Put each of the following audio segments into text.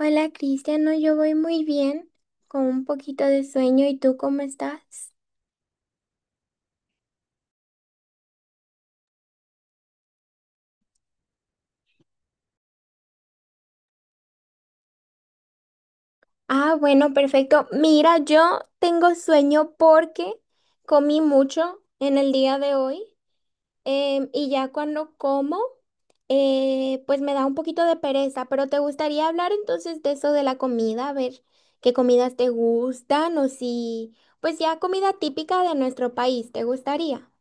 Hola Cristian, no, yo voy muy bien, con un poquito de sueño. ¿Y tú cómo estás? Ah, bueno, perfecto. Mira, yo tengo sueño porque comí mucho en el día de hoy y ya cuando como, pues me da un poquito de pereza, pero ¿te gustaría hablar entonces de eso de la comida? A ver qué comidas te gustan o si, pues ya comida típica de nuestro país, ¿te gustaría?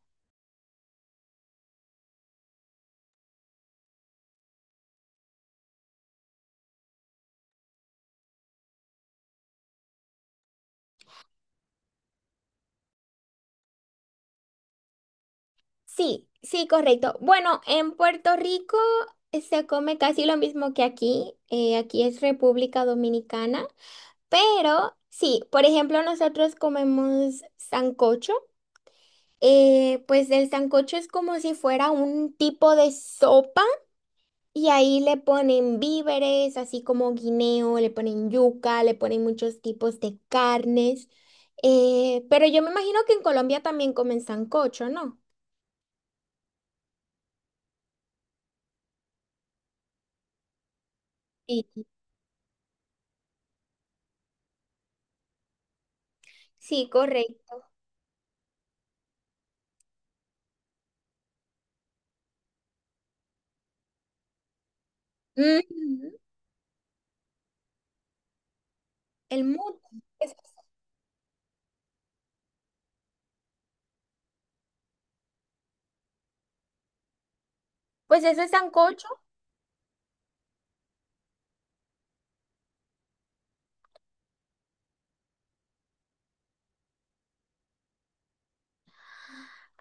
Sí, sí, correcto. Bueno, en Puerto Rico se come casi lo mismo que aquí. Aquí es República Dominicana, pero sí, por ejemplo, nosotros comemos sancocho. Pues el sancocho es como si fuera un tipo de sopa y ahí le ponen víveres, así como guineo, le ponen yuca, le ponen muchos tipos de carnes. Pero yo me imagino que en Colombia también comen sancocho, ¿no? Sí. Sí, correcto. Ujú. El muro. Es- Pues ese sancocho.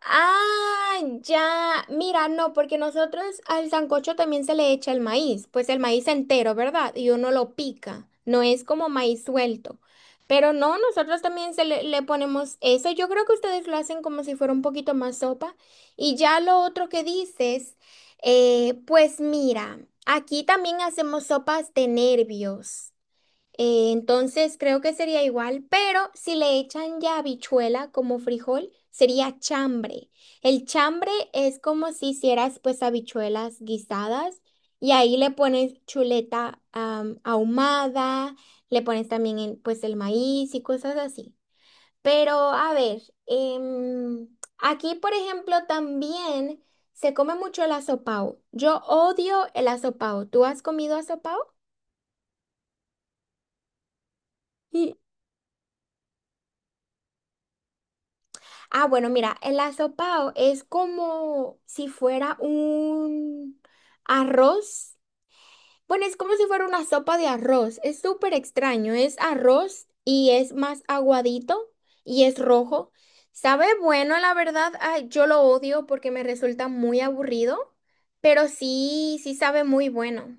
Ah, ya. Mira, no, porque nosotros al sancocho también se le echa el maíz. Pues el maíz entero, ¿verdad? Y uno lo pica. No es como maíz suelto. Pero no, nosotros también se le, le ponemos eso. Yo creo que ustedes lo hacen como si fuera un poquito más sopa. Y ya lo otro que dices, pues mira, aquí también hacemos sopas de nervios. Entonces creo que sería igual, pero si le echan ya habichuela como frijol, sería chambre. El chambre es como si hicieras pues habichuelas guisadas y ahí le pones chuleta ahumada, le pones también el, pues el maíz y cosas así. Pero a ver, em, aquí por ejemplo también se come mucho el asopao. Yo odio el asopao. ¿Tú has comido asopao? Ah, bueno, mira, el asopao es como si fuera un arroz. Bueno, es como si fuera una sopa de arroz. Es súper extraño. Es arroz y es más aguadito y es rojo. Sabe bueno, la verdad, ah, yo lo odio porque me resulta muy aburrido, pero sí, sí sabe muy bueno.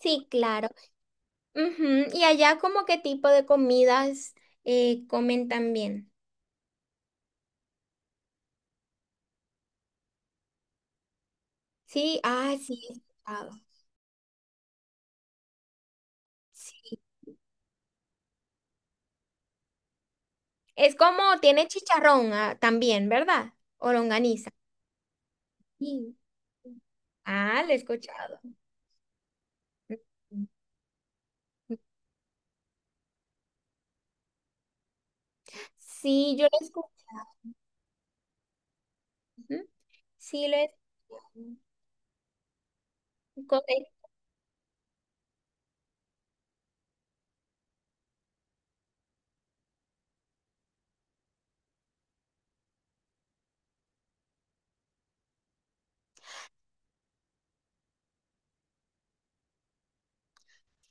Sí, claro. Ujú. Y allá, ¿como qué tipo de comidas comen también? Sí, ah, sí, he escuchado. Es como tiene chicharrón ah, también, ¿verdad? O longaniza. Sí. Ah, lo he escuchado. Sí, yo lo escucho. Sí, lo he escuchado.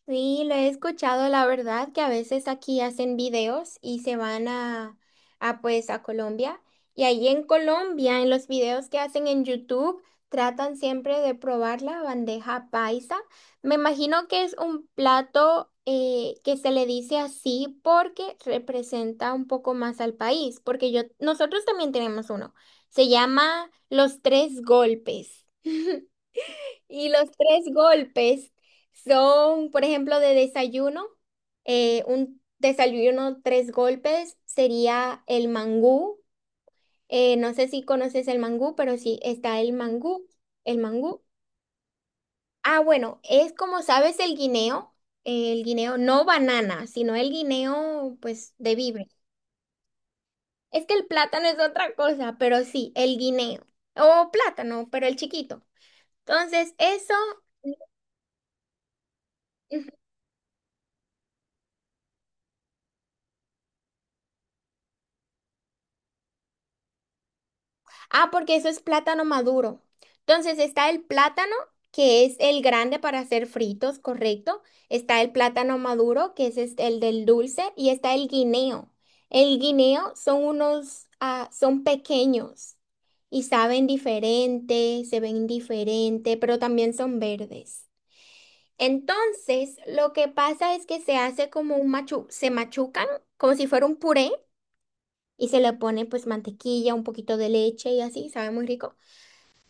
Sí, lo he escuchado, la verdad, que a veces aquí hacen videos y se van a pues a Colombia. Y ahí en Colombia, en los videos que hacen en YouTube, tratan siempre de probar la bandeja paisa. Me imagino que es un plato que se le dice así porque representa un poco más al país, porque yo, nosotros también tenemos uno. Se llama Los Tres Golpes. Y los tres golpes son, por ejemplo, de desayuno. Un desayuno tres golpes sería el mangú. No sé si conoces el mangú, pero sí está el mangú. El mangú. Ah, bueno, es como sabes el guineo. El guineo, no banana, sino el guineo, pues, de vibre. Es que el plátano es otra cosa, pero sí, el guineo. O plátano, pero el chiquito. Entonces, eso. Ah, porque eso es plátano maduro. Entonces está el plátano, que es el grande para hacer fritos, correcto. Está el plátano maduro, que es este- el del dulce, y está el guineo. El guineo son unos, ah, son pequeños y saben diferente, se ven diferente, pero también son verdes. Entonces, lo que pasa es que se hace como un machu, se machucan como si fuera un puré y se le pone pues mantequilla, un poquito de leche y así, sabe muy rico.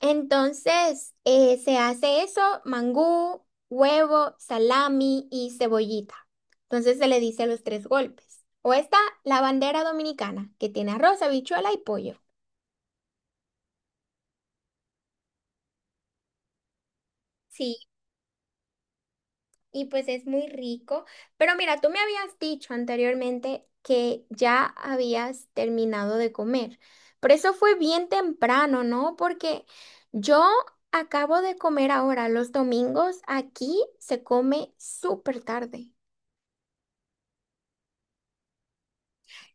Entonces, se hace eso, mangú, huevo, salami y cebollita. Entonces se le dice los tres golpes. O está la bandera dominicana, que tiene arroz, habichuela y pollo. Sí, y pues es muy rico. Pero mira, tú me habías dicho anteriormente que ya habías terminado de comer. Pero eso fue bien temprano, ¿no? Porque yo acabo de comer ahora. Los domingos aquí se come súper tarde.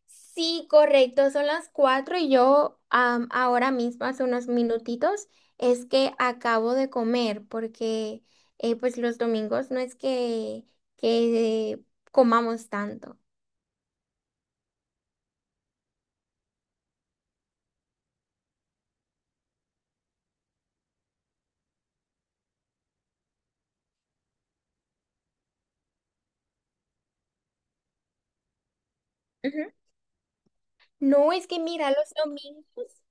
Sí, correcto, son las 4 y yo ahora mismo, hace unos minutitos, es que acabo de comer porque pues los domingos no es que comamos tanto. No, es que mira, los domingos,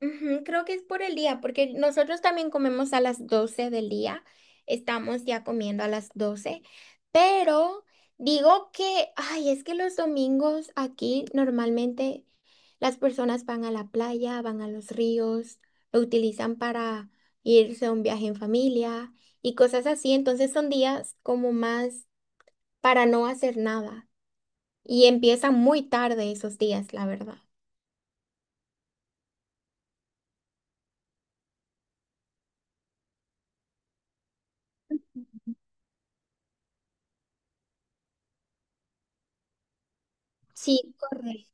ujú, creo que es por el día, porque nosotros también comemos a las 12 del día, estamos ya comiendo a las 12 pero digo que, ay, es que los domingos aquí normalmente las personas van a la playa, van a los ríos, lo utilizan para irse a un viaje en familia y cosas así, entonces son días como más para no hacer nada y empiezan muy tarde esos días, la verdad. Sí, correcto.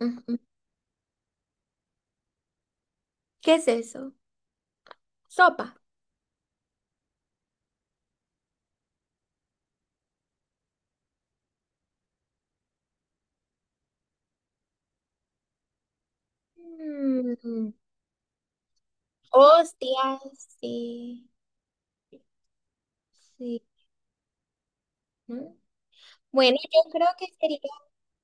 Ujú. ¿Qué es eso? Sopa. Mm, hostias, sí, sí. ¿No? Bueno, yo creo que sería.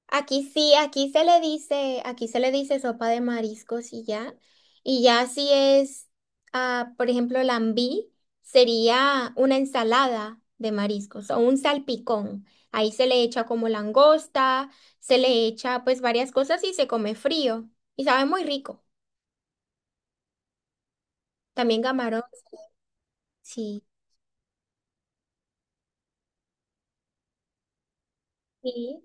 Aquí sí, aquí se le dice, aquí se le dice sopa de mariscos y ya. Y ya si es, ah, por ejemplo, lambí, sería una ensalada de mariscos o un salpicón. Ahí se le echa como langosta, se le echa pues varias cosas y se come frío. Y sabe muy rico. También camarón, sí. Sí,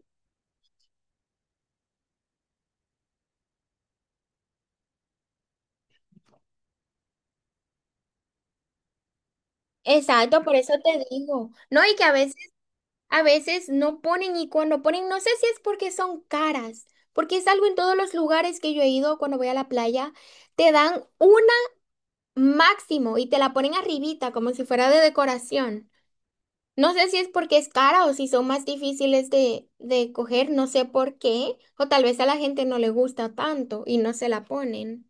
exacto, por eso te digo. No, y que a veces no ponen y cuando ponen, no sé si es porque son caras, porque es algo en todos los lugares que yo he ido cuando voy a la playa, te dan una máximo y te la ponen arribita como si fuera de decoración. No sé si es porque es cara o si son más difíciles de coger, no sé por qué, o tal vez a la gente no le gusta tanto y no se la ponen.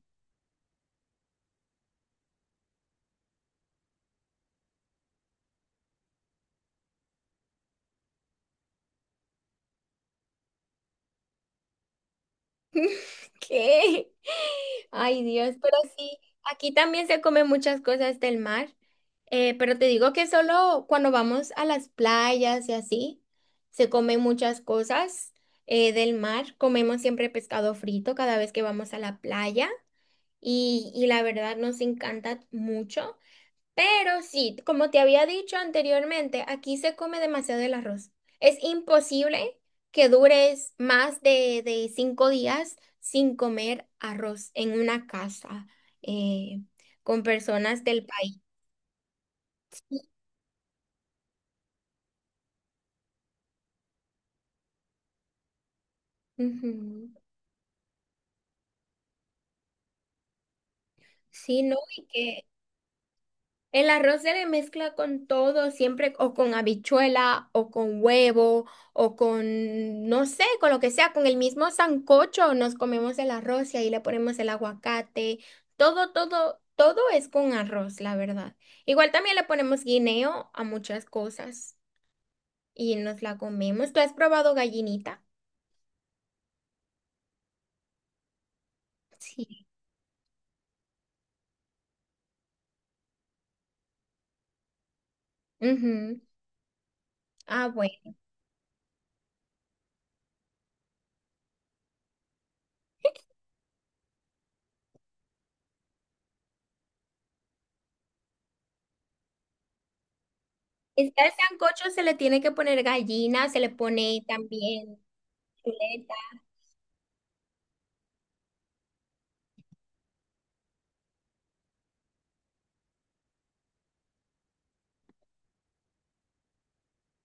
¿Qué? Ay, Dios, pero sí, aquí también se comen muchas cosas del mar, pero te digo que solo cuando vamos a las playas y así, se comen muchas cosas del mar. Comemos siempre pescado frito cada vez que vamos a la playa y la verdad nos encanta mucho. Pero sí, como te había dicho anteriormente, aquí se come demasiado el arroz. Es imposible que dures más de cinco días sin comer arroz en una casa eh, con personas del país. Ujú. Sí, no, y que el arroz se le mezcla con todo, siempre o con habichuela o con huevo o con, no sé, con lo que sea, con el mismo sancocho nos comemos el arroz y ahí le ponemos el aguacate, todo, todo, todo es con arroz, la verdad. Igual también le ponemos guineo a muchas cosas y nos la comemos. ¿Tú has probado gallinita? Sí. Ujú. Ah, bueno. Este sancocho se le tiene que poner gallina, se le pone también chuleta.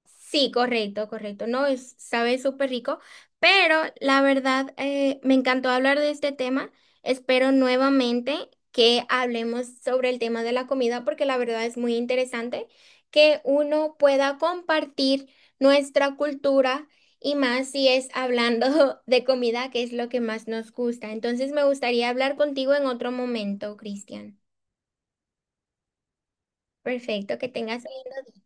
Sí, correcto, correcto. No, es, sabe súper rico, pero la verdad me encantó hablar de este tema. Espero nuevamente que hablemos sobre el tema de la comida porque la verdad es muy interesante que uno pueda compartir nuestra cultura y más si es hablando de comida, que es lo que más nos gusta. Entonces me gustaría hablar contigo en otro momento, Cristian. Perfecto, que tengas lindo día.